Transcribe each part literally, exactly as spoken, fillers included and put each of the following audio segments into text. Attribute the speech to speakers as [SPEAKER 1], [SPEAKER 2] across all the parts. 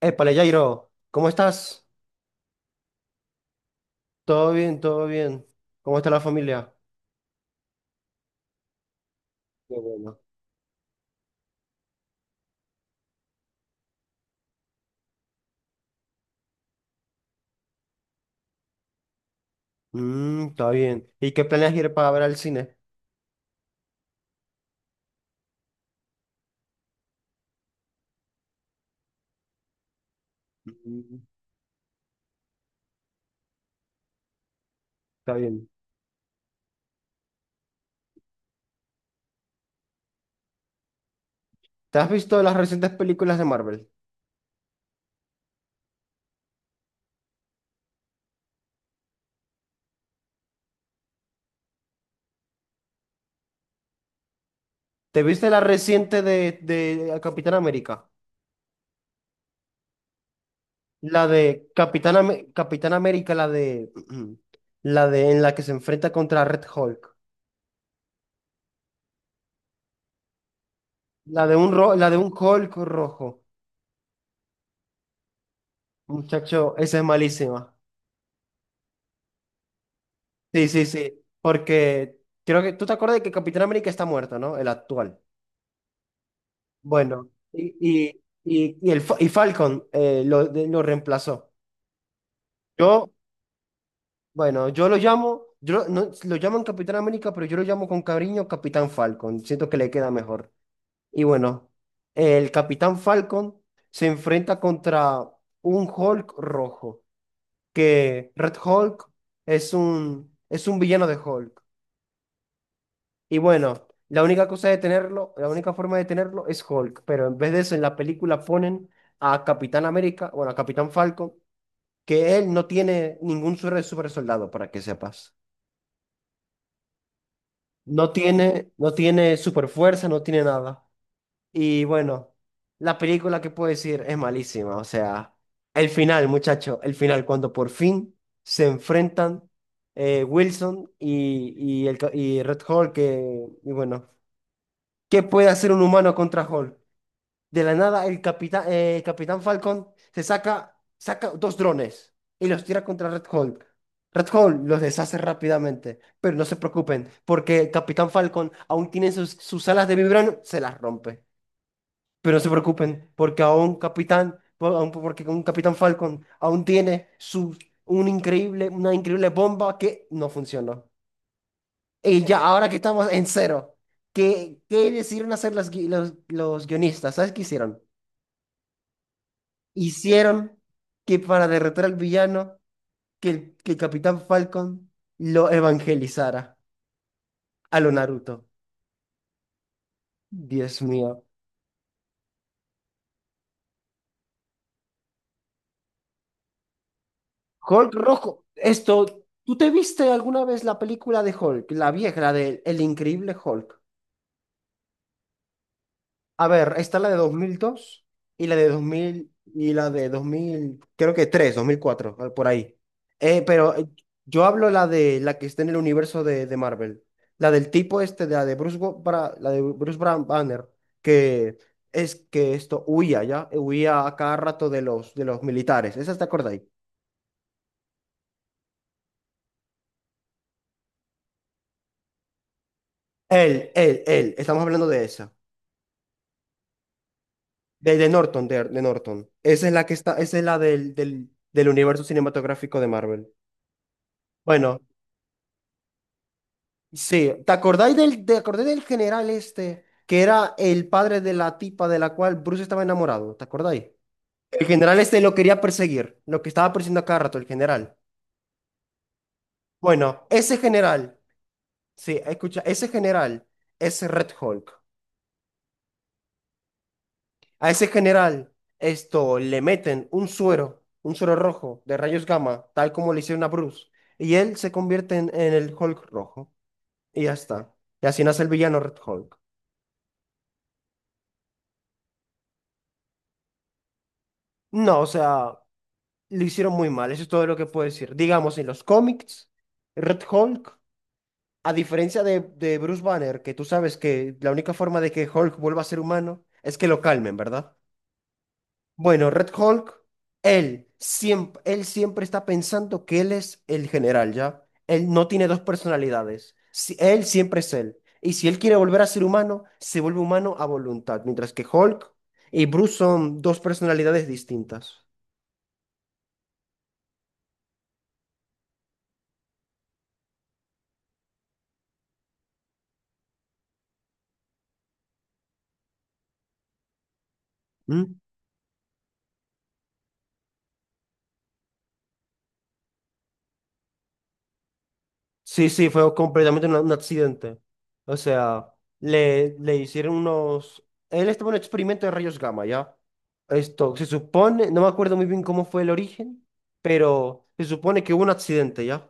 [SPEAKER 1] Épale, Jairo, ¿cómo estás? Todo bien, todo bien. ¿Cómo está la familia? Qué bueno. Mm, está bien. ¿Y qué planeas ir para ver al cine? Mm, está bien. ¿Te has visto las recientes películas de Marvel? ¿Te viste la reciente de, de Capitán América? La de Capitán, Am- Capitán América, la de la de en la que se enfrenta contra Red Hulk. La de un ro- la de un Hulk rojo. Muchacho, esa es malísima. Sí, sí, sí, porque creo que tú te acuerdas de que Capitán América está muerto, ¿no? El actual. Bueno, y, y, y, y el, Fa- y Falcon eh, lo, de- lo reemplazó. Yo, bueno, yo lo llamo, yo no, lo llaman Capitán América, pero yo lo llamo con cariño Capitán Falcon. Siento que le queda mejor. Y bueno, el Capitán Falcon se enfrenta contra un Hulk rojo, que Red Hulk es un, es un villano de Hulk. Y bueno, la única cosa de tenerlo, la única forma de tenerlo es Hulk, pero en vez de eso en la película ponen a Capitán América, bueno, a Capitán Falcon, que él no tiene ningún super, super soldado, para que sepas. No tiene, no tiene super fuerza, no tiene nada. Y bueno, la película que puedo decir es malísima, o sea, el final, muchacho, el final, cuando por fin se enfrentan eh, Wilson y, y, el, ca- y Red Hulk, que, y bueno, ¿qué puede hacer un humano contra Hulk? De la nada, el capitán, eh, Capitán Falcon se saca, saca dos drones y los tira contra Red Hulk. Red Hulk los deshace rápidamente, pero no se preocupen, porque Capitán Falcon aún tiene sus, sus alas de vibrano, se las rompe. Pero no se preocupen, porque aún Capitán, por- aún porque un Capitán Falcon aún tiene su, un increíble, una increíble bomba que no funcionó. Y ya, ahora que estamos en cero, ¿qué, ¿qué decidieron hacer los, gui- los, los guionistas? ¿Sabes qué hicieron? Hicieron que para derrotar al villano, que el, que el Capitán Falcon lo evangelizara a lo Naruto. Dios mío. Hulk rojo. Esto, ¿tú te viste alguna vez la película de Hulk? La vieja, la de El Increíble Hulk. A ver, está la de dos mil dos y la de dos mil y la de dos mil, creo que tres, dos mil cuatro, eh, por ahí. Eh, pero eh, yo hablo la de la que está en el universo de, de Marvel, la del tipo este, de la de Bruce, Go- Bra- la de Bruce Bran- Banner, que es que esto huía, ¿ya? Huía a cada rato de los, de los militares. ¿Esa te acordáis? Él, él, él, estamos hablando de esa. De, de Norton, de, de Norton. Esa es la que está, esa es la del, del, del universo cinematográfico de Marvel. Bueno, sí, ¿te acordáis del, ¿te acordás del general este que era el padre de la tipa de la cual Bruce estaba enamorado? ¿Te acordáis? El general este lo quería perseguir, lo que estaba persiguiendo a cada rato, el general. Bueno, ese general, sí, escucha, ese general es Red Hulk. A ese general, esto, le meten un suero, un suero rojo de rayos gamma, tal como le hicieron a Bruce, y él se convierte en, en el Hulk rojo, y ya está. Y así nace el villano Red Hulk. No, o sea, lo hicieron muy mal, eso es todo lo que puedo decir. Digamos, en los cómics, Red Hulk, a diferencia de, de Bruce Banner, que tú sabes que la única forma de que Hulk vuelva a ser humano es que lo calmen, ¿verdad? Bueno, Red Hulk, él siempre, él siempre está pensando que él es el general, ¿ya? Él no tiene dos personalidades, Si- él siempre es él. Y si él quiere volver a ser humano, se vuelve humano a voluntad, mientras que Hulk y Bruce son dos personalidades distintas. ¿Mm? Sí, sí, fue completamente un, un accidente. O sea, le, le hicieron unos... Él estaba en un experimento de rayos gamma, ¿ya? Esto, se supone, no me acuerdo muy bien cómo fue el origen, pero se supone que hubo un accidente, ¿ya?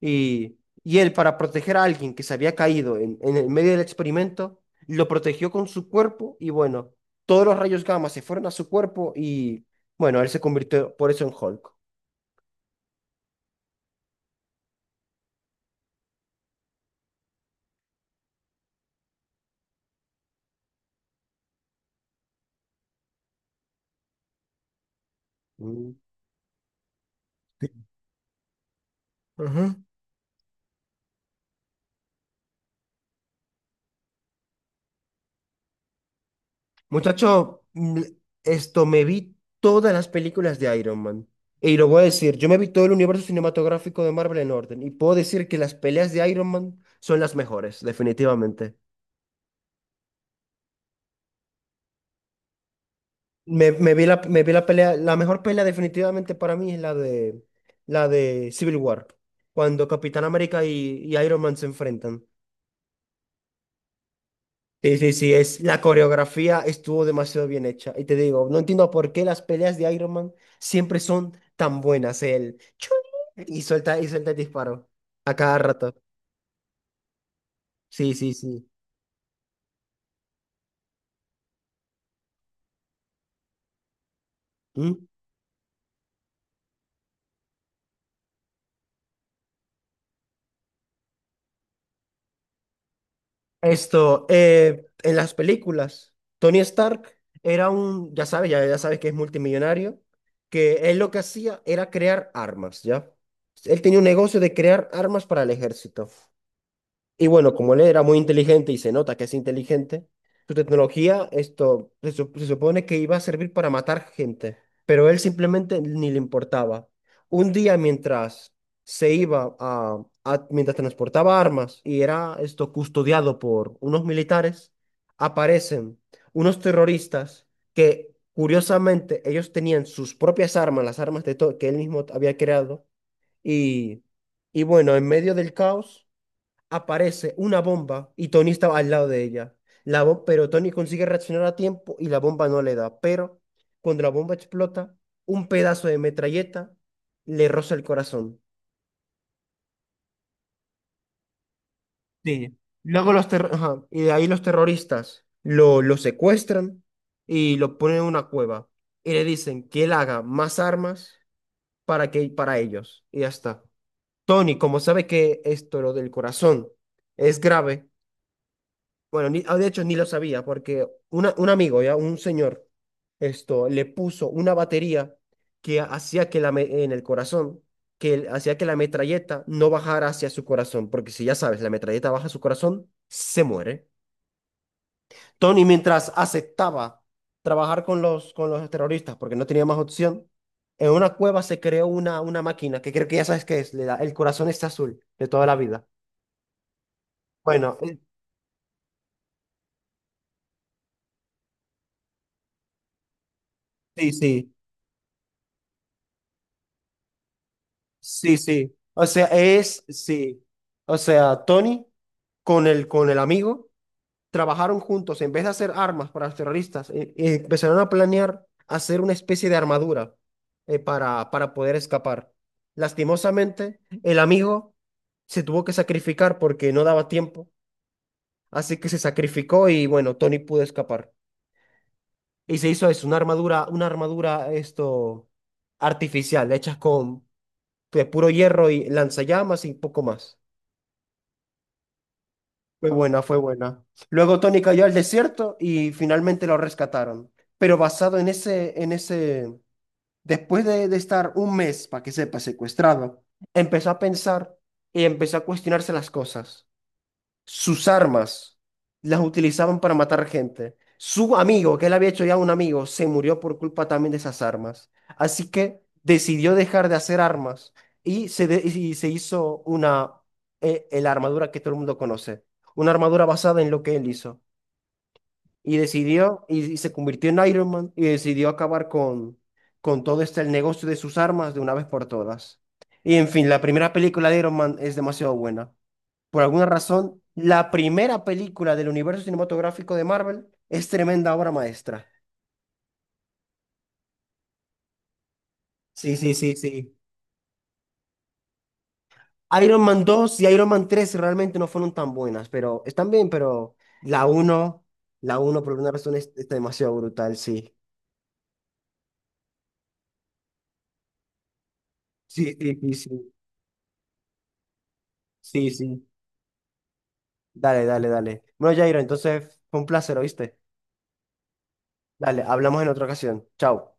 [SPEAKER 1] Y, y él, para proteger a alguien que se había caído en, en el medio del experimento, lo protegió con su cuerpo y bueno, todos los rayos gamma se fueron a su cuerpo y bueno, él se convirtió por eso en Hulk. Mm. Ujú. Muchacho, mm, esto me vi todas las películas de Iron Man. Y lo voy a decir, yo me vi todo el universo cinematográfico de Marvel en orden. Y puedo decir que las peleas de Iron Man son las mejores, definitivamente. Me, me vi la, me vi la pelea, la mejor pelea definitivamente para mí es la de, la de Civil War, cuando Capitán América y, y Iron Man se enfrentan. Sí, sí, sí, es, la coreografía estuvo demasiado bien hecha. Y te digo, no entiendo por qué las peleas de Iron Man siempre son tan buenas. El chun y suelta, y suelta el disparo a cada rato. Sí, sí, sí. ¿Mm? Esto, eh, en las películas, Tony Stark era un, ya sabes, ya, ya sabes que es multimillonario, que él lo que hacía era crear armas, ¿ya? Él tenía un negocio de crear armas para el ejército. Y bueno, como él era muy inteligente y se nota que es inteligente, su tecnología, esto se, sup- se supone que iba a servir para matar gente, pero él simplemente ni le importaba. Un día mientras se iba a, a- mientras transportaba armas y era esto custodiado por unos militares, aparecen unos terroristas que curiosamente ellos tenían sus propias armas, las armas de to- que él mismo había creado y y bueno, en medio del caos aparece una bomba y Tony estaba al lado de ella. La bo- pero Tony consigue reaccionar a tiempo y la bomba no le da. Pero cuando la bomba explota, un pedazo de metralleta le roza el corazón. Sí. Luego los terro- ajá, y de ahí los terroristas lo, lo secuestran y lo ponen en una cueva. Y le dicen que él haga más armas para que para ellos. Y ya está. Tony, como sabe que esto, lo del corazón, es grave, bueno, ni- ah, de hecho ni lo sabía, porque una- un amigo, ya, un señor, esto, le puso una batería que hacía que la, me- en el corazón, que el- hacía que la metralleta no bajara hacia su corazón, porque si ya sabes, la metralleta baja a su corazón, se muere. Tony, mientras aceptaba trabajar con los, con los terroristas, porque no tenía más opción, en una cueva se creó una, una máquina, que creo que ya sabes qué es, le da, el corazón está azul de toda la vida. Bueno, eh, sí, sí. Sí, sí. O sea, es, sí. O sea, Tony con el, con el amigo trabajaron juntos. En vez de hacer armas para los terroristas, eh, eh, empezaron a planear hacer una especie de armadura eh, para, para poder escapar. Lastimosamente, el amigo se tuvo que sacrificar porque no daba tiempo. Así que se sacrificó y bueno, Tony pudo escapar. Y se hizo eso, una armadura, una armadura esto artificial, hecha con de puro hierro y lanzallamas y poco más. Fue buena, fue buena. Luego Tony cayó al desierto y finalmente lo rescataron. Pero basado en ese, en ese, después de, de estar un mes, para que sepa, secuestrado, empezó a pensar y empezó a cuestionarse las cosas, sus armas las utilizaban para matar gente. Su amigo, que él había hecho ya un amigo, se murió por culpa también de esas armas. Así que decidió dejar de hacer armas y se, de- y se hizo una, eh, eh, la armadura que todo el mundo conoce. Una armadura basada en lo que él hizo. Y decidió, y, y se convirtió en Iron Man y decidió acabar con, con todo este el negocio de sus armas de una vez por todas. Y en fin, la primera película de Iron Man es demasiado buena. Por alguna razón, la primera película del universo cinematográfico de Marvel es tremenda obra maestra. Sí, sí, sí, sí. Iron Man dos y Iron Man tres realmente no fueron tan buenas, pero están bien, pero la uno, la uno por alguna razón es, está demasiado brutal, sí. Sí, sí, sí, sí. Sí, sí. Dale, dale, dale. Bueno, Jairo, entonces fue un placer, ¿oíste? Dale, hablamos en otra ocasión. Chao.